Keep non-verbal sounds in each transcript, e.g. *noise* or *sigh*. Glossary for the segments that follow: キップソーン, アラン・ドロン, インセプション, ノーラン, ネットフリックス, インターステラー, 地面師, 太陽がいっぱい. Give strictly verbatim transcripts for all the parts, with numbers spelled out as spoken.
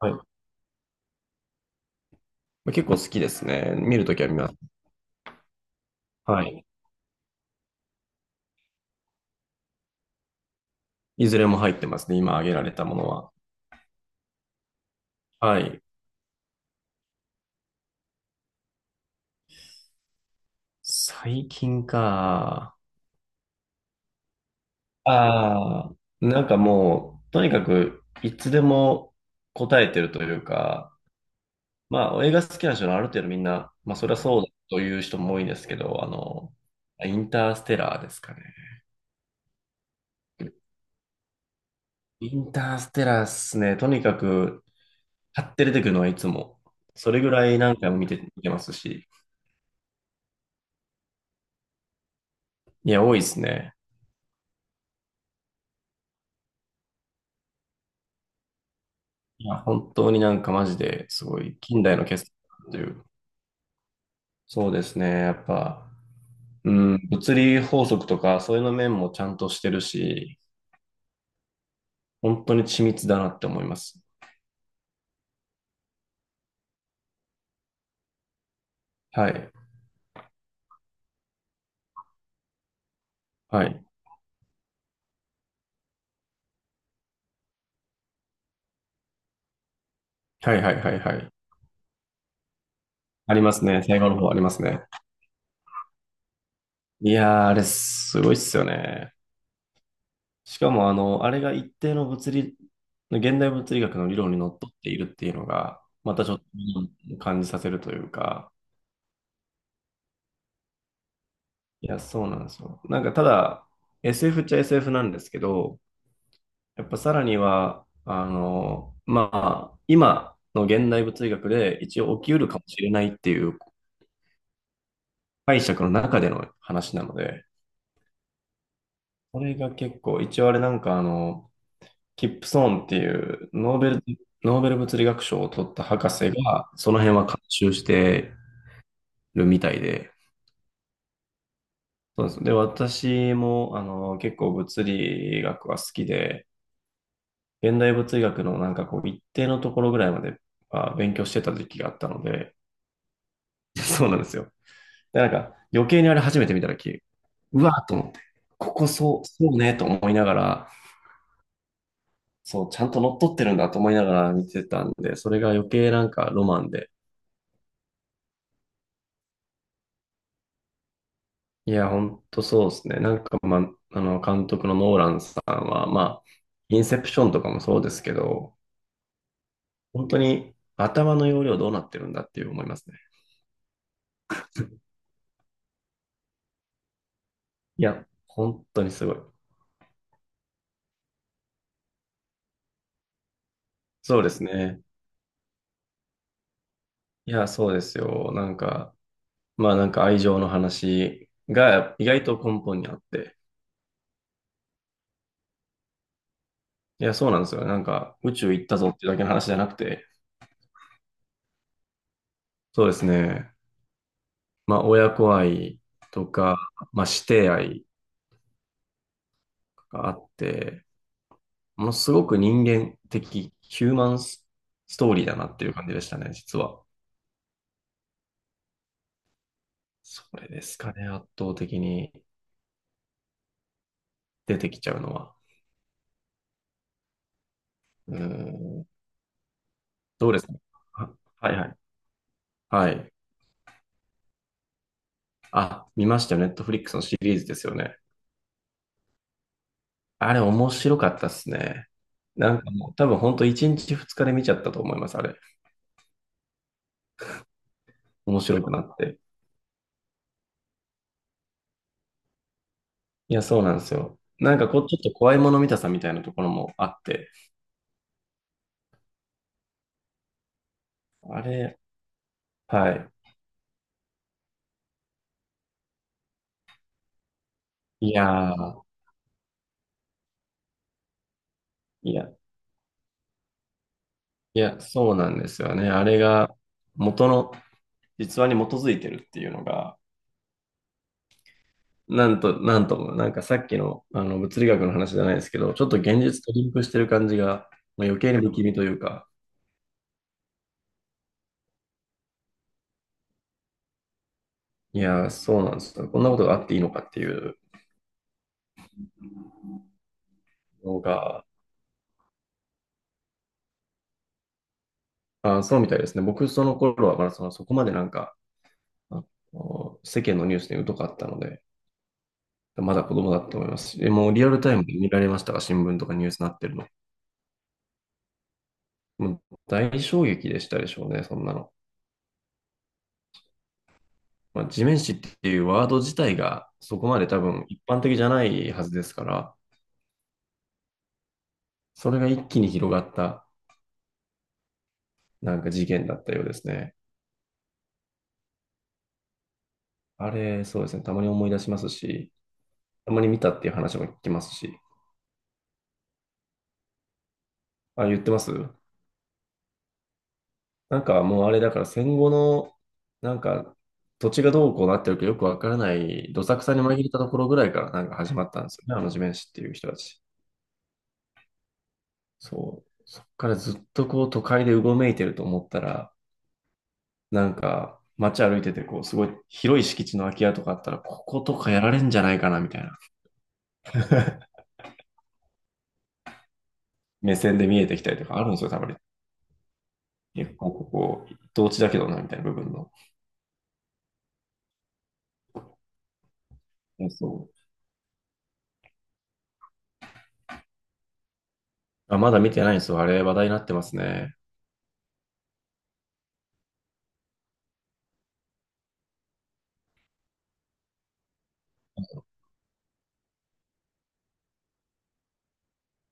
はい。まあ結構好きですね。見るときは見ます。はい。いずれも入ってますね。今挙げられたものは。はい。最近か。ああ、なんかもう、とにかく、いつでも答えてるというか、まあ、映画好きな人のある程度みんな、まあ、そりゃそうだという人も多いんですけど、あの、インターステラーですかね。インターステラーっすね。とにかく、買って出てくるのはいつも。それぐらい何回も見て、見てますし。いや、多いですね。いや、本当になんかマジですごい近代の傑作という。そうですね。やっぱ、うん、物理法則とかそういうの面もちゃんとしてるし、本当に緻密だなって思います。はい。はい。はいはいはいはい。ありますね。最後の方ありますね。いやー、あれすごいっすよね。しかもあの、あれが一定の物理、現代物理学の理論にのっとっているっていうのが、またちょっと感じさせるというか、いや、そうなんですよ。なんかただ、エスエフ っちゃ エスエフ なんですけど、やっぱさらには、あの、まあ、今の現代物理学で一応起きうるかもしれないっていう解釈の中での話なので、これが結構、一応あれなんかあの、キップソーンっていうノーベル、ノーベル物理学賞を取った博士が、その辺は監修してるみたいで、そうです。で、私も、あの、結構物理学は好きで、現代物理学のなんかこう一定のところぐらいまで、まあ、勉強してた時期があったので、*laughs* そうなんですよ。で、なんか余計にあれ初めて見た時、うわーと思って、ここそう、そうねと思いながら、そう、ちゃんと乗っ取ってるんだと思いながら見てたんで、それが余計なんかロマンで。いや、ほんとそうですね。なんか、まあ、あの、監督のノーランさんは、まあ、インセプションとかもそうですけど、本当に頭の容量どうなってるんだっていう思いますね。いや、本当にすごい。そうですね。いや、そうですよ。なんか、まあなんか愛情の話が意外と根本にあって。いや、そうなんですよ。なんか宇宙行ったぞっていうだけの話じゃなくて、そうですね。まあ親子愛とか、まあ師弟愛があって、ものすごく人間的ヒューマンストーリーだなっていう感じでしたね、実は。それですかね、圧倒的に出てきちゃうのは。うーん、どうですか？ははいはい。はい。あ、見ましたよ。ネットフリックスのシリーズですよね。あれ面白かったっすね。なんかもう多分本当いちにちふつかで見ちゃったと思います、あれ。面白くなって。いや、そうなんですよ。なんかこう、ちょっと怖いもの見たさみたいなところもあって。あれ、はい。いやー、いや、いや、そうなんですよね。あれが元の実話に基づいてるっていうのが、なんと、なんとも、なんかさっきの、あの物理学の話じゃないですけど、ちょっと現実とリンクしてる感じが、まあ、余計に不気味というか、いやー、そうなんですよ。こんなことがあっていいのかっていう。のが、あ、そうみたいですね。僕、その頃はまだその、そこまでなんか、あの世間のニュースに疎かったので、まだ子供だと思いますし、えもうリアルタイムで見られましたが、新聞とかニュースになってるの。もう大衝撃でしたでしょうね、そんなの。まあ、地面師っていうワード自体がそこまで多分一般的じゃないはずですから、それが一気に広がったなんか事件だったようですね。あれ、そうですね、たまに思い出しますし、たまに見たっていう話も聞きますし、あ、言ってます？なんかもうあれだから戦後の、なんか土地がどうこうなってるかよくわからない、どさくさに紛れたところぐらいからなんか始まったんですよね、あの地面師っていう人たち。そう。そっからずっとこう都会でうごめいてると思ったら、なんか街歩いててこうすごい広い敷地の空き家とかあったら、こことかやられんじゃないかなみたいな *laughs* 目線で見えてきたりとかあるんですよ、たまに。結構ここ、ここ同地だけどなみたいな部分の。そう。あ、まだ見てないんですよ。あれ話題になってますね。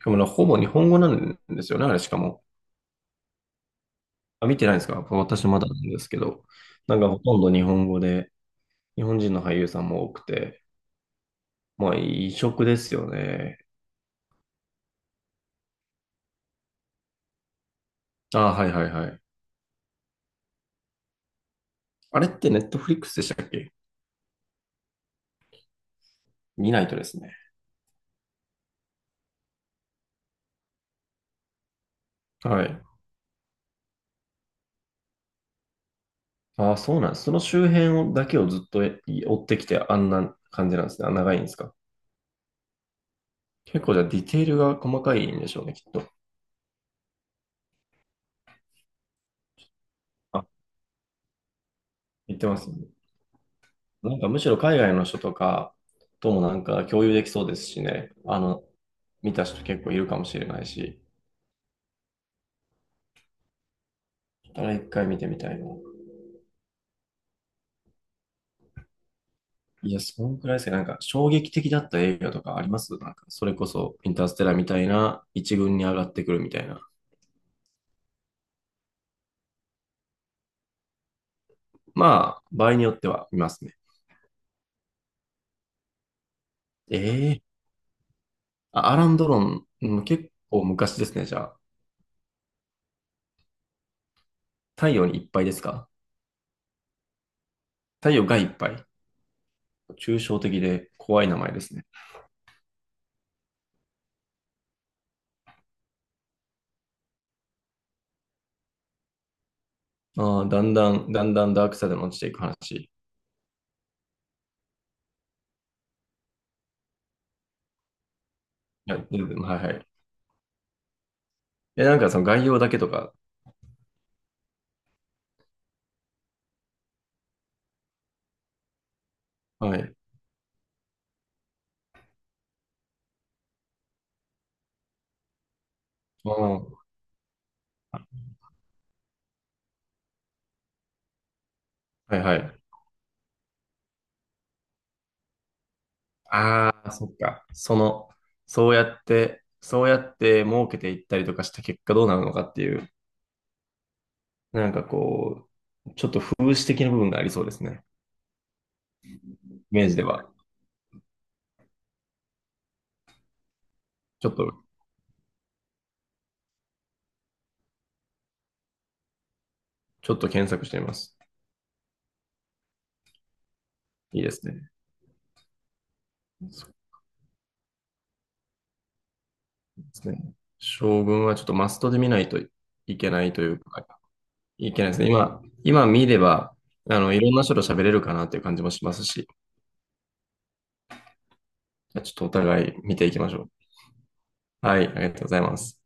しかもな、ほぼ日本語なんですよね、あれしかも。あ、見てないですか？私まだなんですけど。なんかほとんど日本語で、日本人の俳優さんも多くて、まあ異色ですよね。あ、はいはいはい。あれってネットフリックスでしたっけ？見ないとですね。はい。あ、そうなんです。その周辺をだけをずっとえ追ってきてあんな感じなんですね。あ長いんですか？結構じゃあディテールが細かいんでしょうね、きっと。あ、言ってますね。なんかむしろ海外の人とかともなんか共有できそうですしね。あの、見た人結構いるかもしれないし。だから一回見てみたいな。いや、そんくらいですね。なんか衝撃的だった映画とかあります？なんかそれこそインターステラーみたいな一軍に上がってくるみたいな。まあ、場合によっては見ますね。ええ、あ、アラン・ドロン、うん結構昔ですね。じゃあ、太陽にいっぱいですか？太陽がいっぱい。抽象的で怖い名前ですね。ああ、だんだん、だんだんダークサイドに落ちていく話。はい、全然はいはい。え、なんかその概要だけとか。はい。うん。はいはい。ああ、そっか。その、そうやって、そうやって儲けていったりとかした結果どうなるのかっていう、なんかこう、ちょっと風刺的な部分がありそうですね。イメージでは。ちょっと、ちょっと検索してみます。いいですね。そうですね。将軍はちょっとマストで見ないといけないというか、いけないですね。今、今見れば、あの、いろんな人と喋れるかなっていう感じもしますし、じゃあちょっとお互い見ていきましょう。はい、ありがとうございます。